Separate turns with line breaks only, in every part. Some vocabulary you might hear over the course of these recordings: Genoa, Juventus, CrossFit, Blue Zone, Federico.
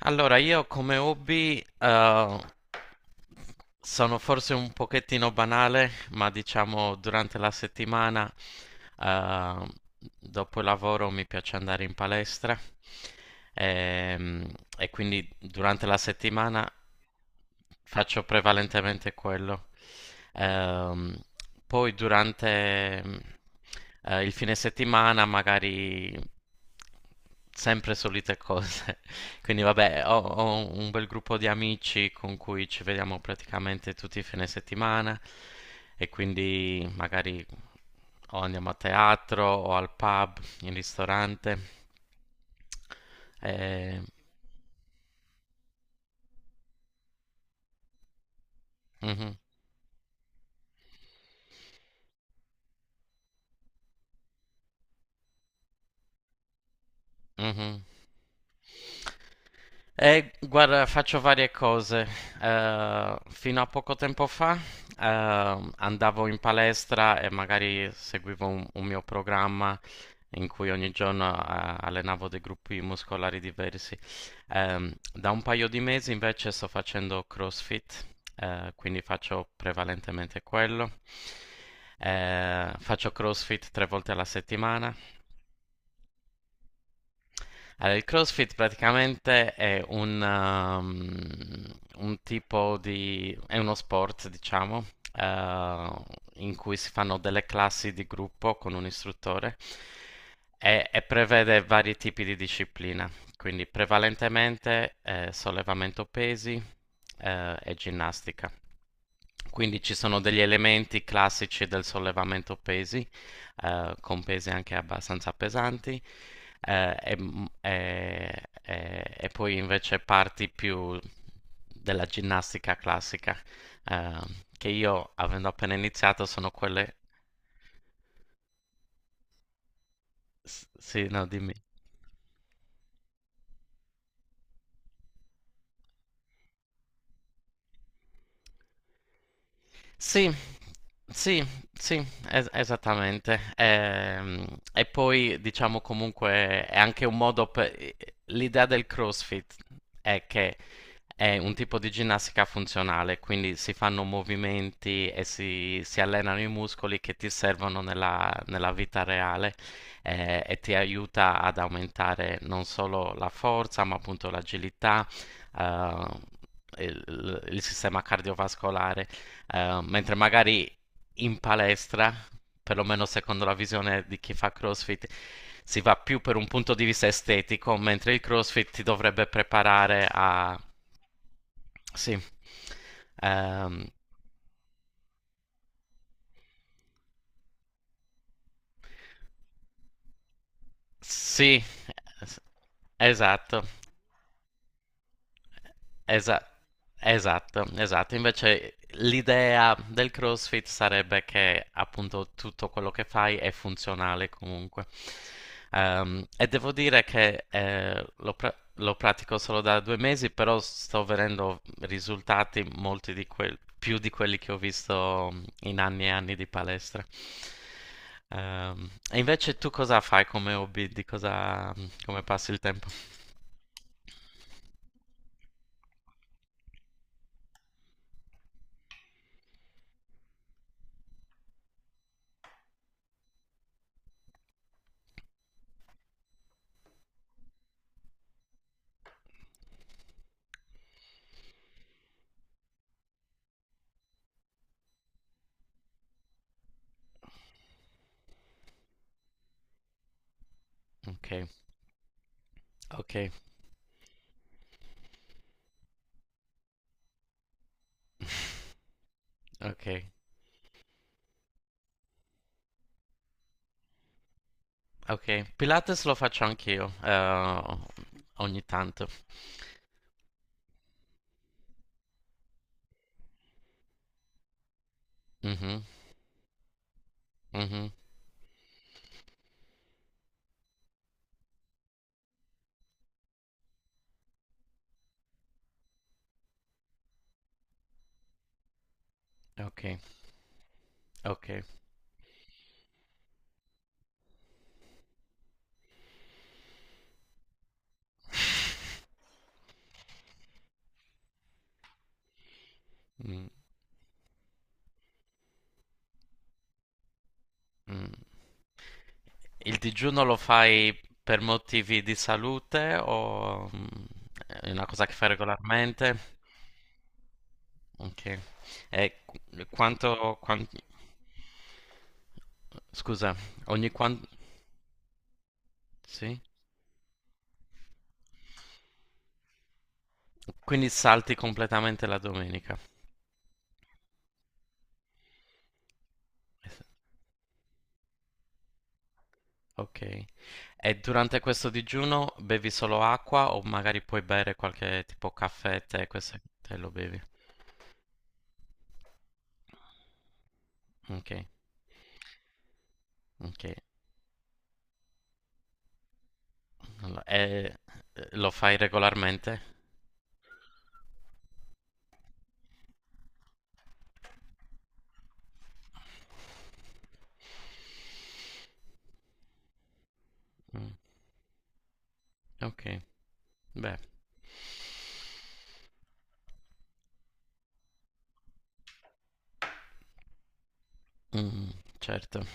Allora, io come hobby sono forse un pochettino banale, ma diciamo durante la settimana, eh, dopo il lavoro mi piace andare in palestra ehm, e quindi durante la settimana faccio prevalentemente quello. Ehm, Poi durante il fine settimana magari sempre solite cose. Quindi vabbè, ho un bel gruppo di amici con cui ci vediamo praticamente tutti i fine settimana e quindi magari o andiamo a teatro o al pub, in ristorante. Eh, mhm, mhm. Guarda, faccio varie cose. Fino a poco tempo fa, andavo in palestra e magari seguivo un mio programma in cui ogni giorno, allenavo dei gruppi muscolari diversi. Da un paio di mesi invece sto facendo CrossFit, quindi faccio prevalentemente quello. Faccio CrossFit tre volte alla settimana. Allora, il CrossFit praticamente è un tipo di. È uno sport, diciamo, eh, in cui si fanno delle classi di gruppo con un istruttore e prevede vari tipi di disciplina, quindi prevalentemente sollevamento pesi e ginnastica. Quindi ci sono degli elementi classici del sollevamento pesi, con pesi anche abbastanza pesanti, e poi invece parti più della ginnastica classica, eh, che io, avendo appena iniziato, sono quelle. Sì, no, dimmi. Sì, sì, sì, esattamente. E poi diciamo comunque è anche un modo per. L'idea del CrossFit è che è un tipo di ginnastica funzionale, quindi si fanno movimenti e si allenano i muscoli che ti servono nella vita reale e ti aiuta ad aumentare non solo la forza, ma appunto l'agilità, eh, il sistema cardiovascolare. Mentre magari in palestra, perlomeno secondo la visione di chi fa CrossFit, si va più per un punto di vista estetico, mentre il CrossFit ti dovrebbe preparare a. Sì, Ehm, sì, es- esatto. Esa- esatto, esatto. Invece l'idea del CrossFit sarebbe che appunto tutto quello che fai è funzionale comunque. E devo dire che lo pratico solo da 2 mesi, però sto vedendo risultati molti di più di quelli che ho visto in anni e anni di palestra. E invece tu cosa fai come hobby? Di cosa, come passi il tempo? Ok, ok, ok, ok. Pilates lo faccio anch'io, ogni tanto. Mhm, mhm. Ok, ok. Mm, mm. Il digiuno lo fai per motivi di salute o è una cosa che fai regolarmente? Ok. E quanto. Scusa, ogni quanto. Sì? Quindi salti completamente la domenica. Es- Ok. E durante questo digiuno bevi solo acqua o magari puoi bere qualche tipo caffè, tè, queste te lo bevi? Ok, ok. Allora, e lo fai regolarmente? Mh, okay. Beh, mh-mh, certo.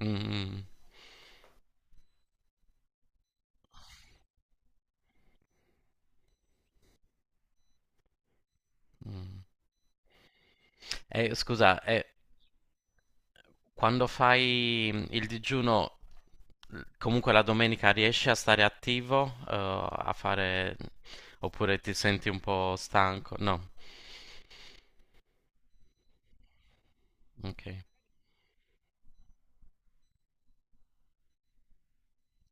Mh-mh, mh. E scusa, e quando fai, il digiuno, l comunque la domenica riesci a stare attivo, a fare oppure ti senti un po' stanco? No, okay,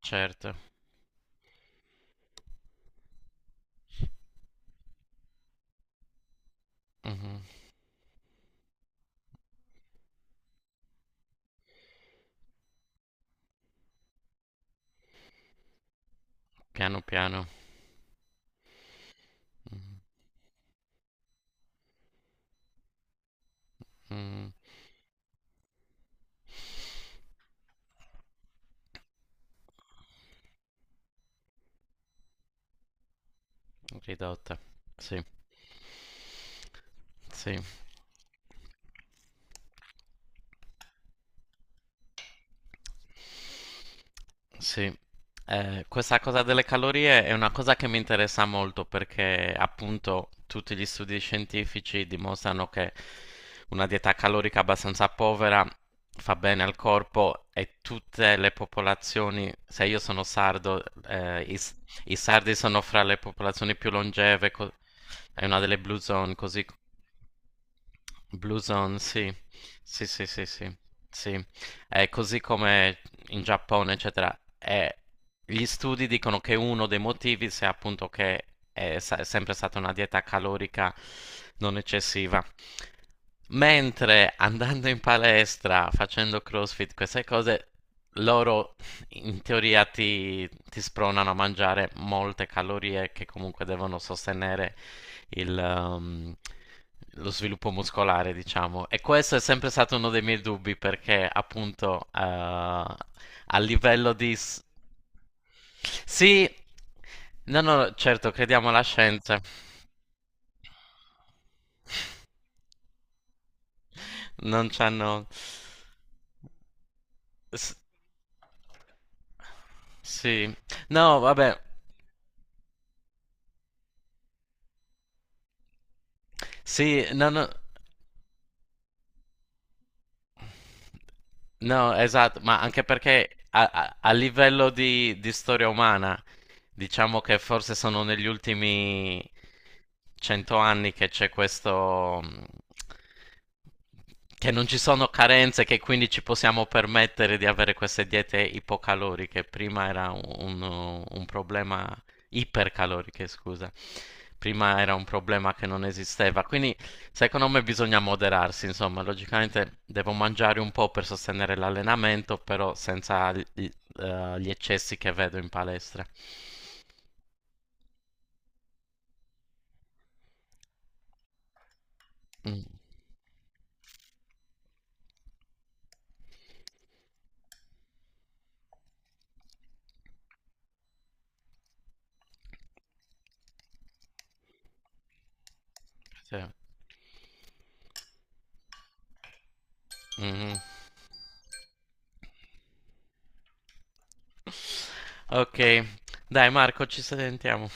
certo. Mh-mh. Piano, piano. Mh-mh. Mh, ridotta. Sì. Sì. Sì, questa cosa delle calorie è una cosa che mi interessa molto perché appunto tutti gli studi scientifici dimostrano che una dieta calorica abbastanza povera fa bene al corpo e tutte le popolazioni, se io sono sardo, eh, i, s- i sardi sono fra le popolazioni più longeve, è una delle blue zone, così. Blue Zone, sì. Sì, sì, sì, sì. Sì. È così come in Giappone, eccetera. Gli studi dicono che uno dei motivi sia appunto che è sempre stata una dieta calorica non eccessiva. Mentre andando in palestra, facendo CrossFit, queste cose, loro in teoria ti spronano a mangiare molte calorie che comunque devono sostenere il, ehm, lo sviluppo muscolare, diciamo. E questo è sempre stato uno dei miei dubbi perché appunto a livello di. Sì, no, no, certo, crediamo alla scienza. Non c'hanno... s- Sì, no, vabbè, sì, no, no. No, esatto, ma anche perché a livello di, storia umana, diciamo che forse sono negli ultimi 100 anni che c'è questo, che non ci sono carenze, che quindi ci possiamo permettere di avere queste diete ipocaloriche. Prima era un problema ipercaloriche, scusa. Prima era un problema che non esisteva, quindi secondo me bisogna moderarsi, insomma, logicamente devo mangiare un po' per sostenere l'allenamento, però senza gli eccessi che vedo in palestra. Mm, sì. Mhm. Ok, dai Marco, ci sentiamo.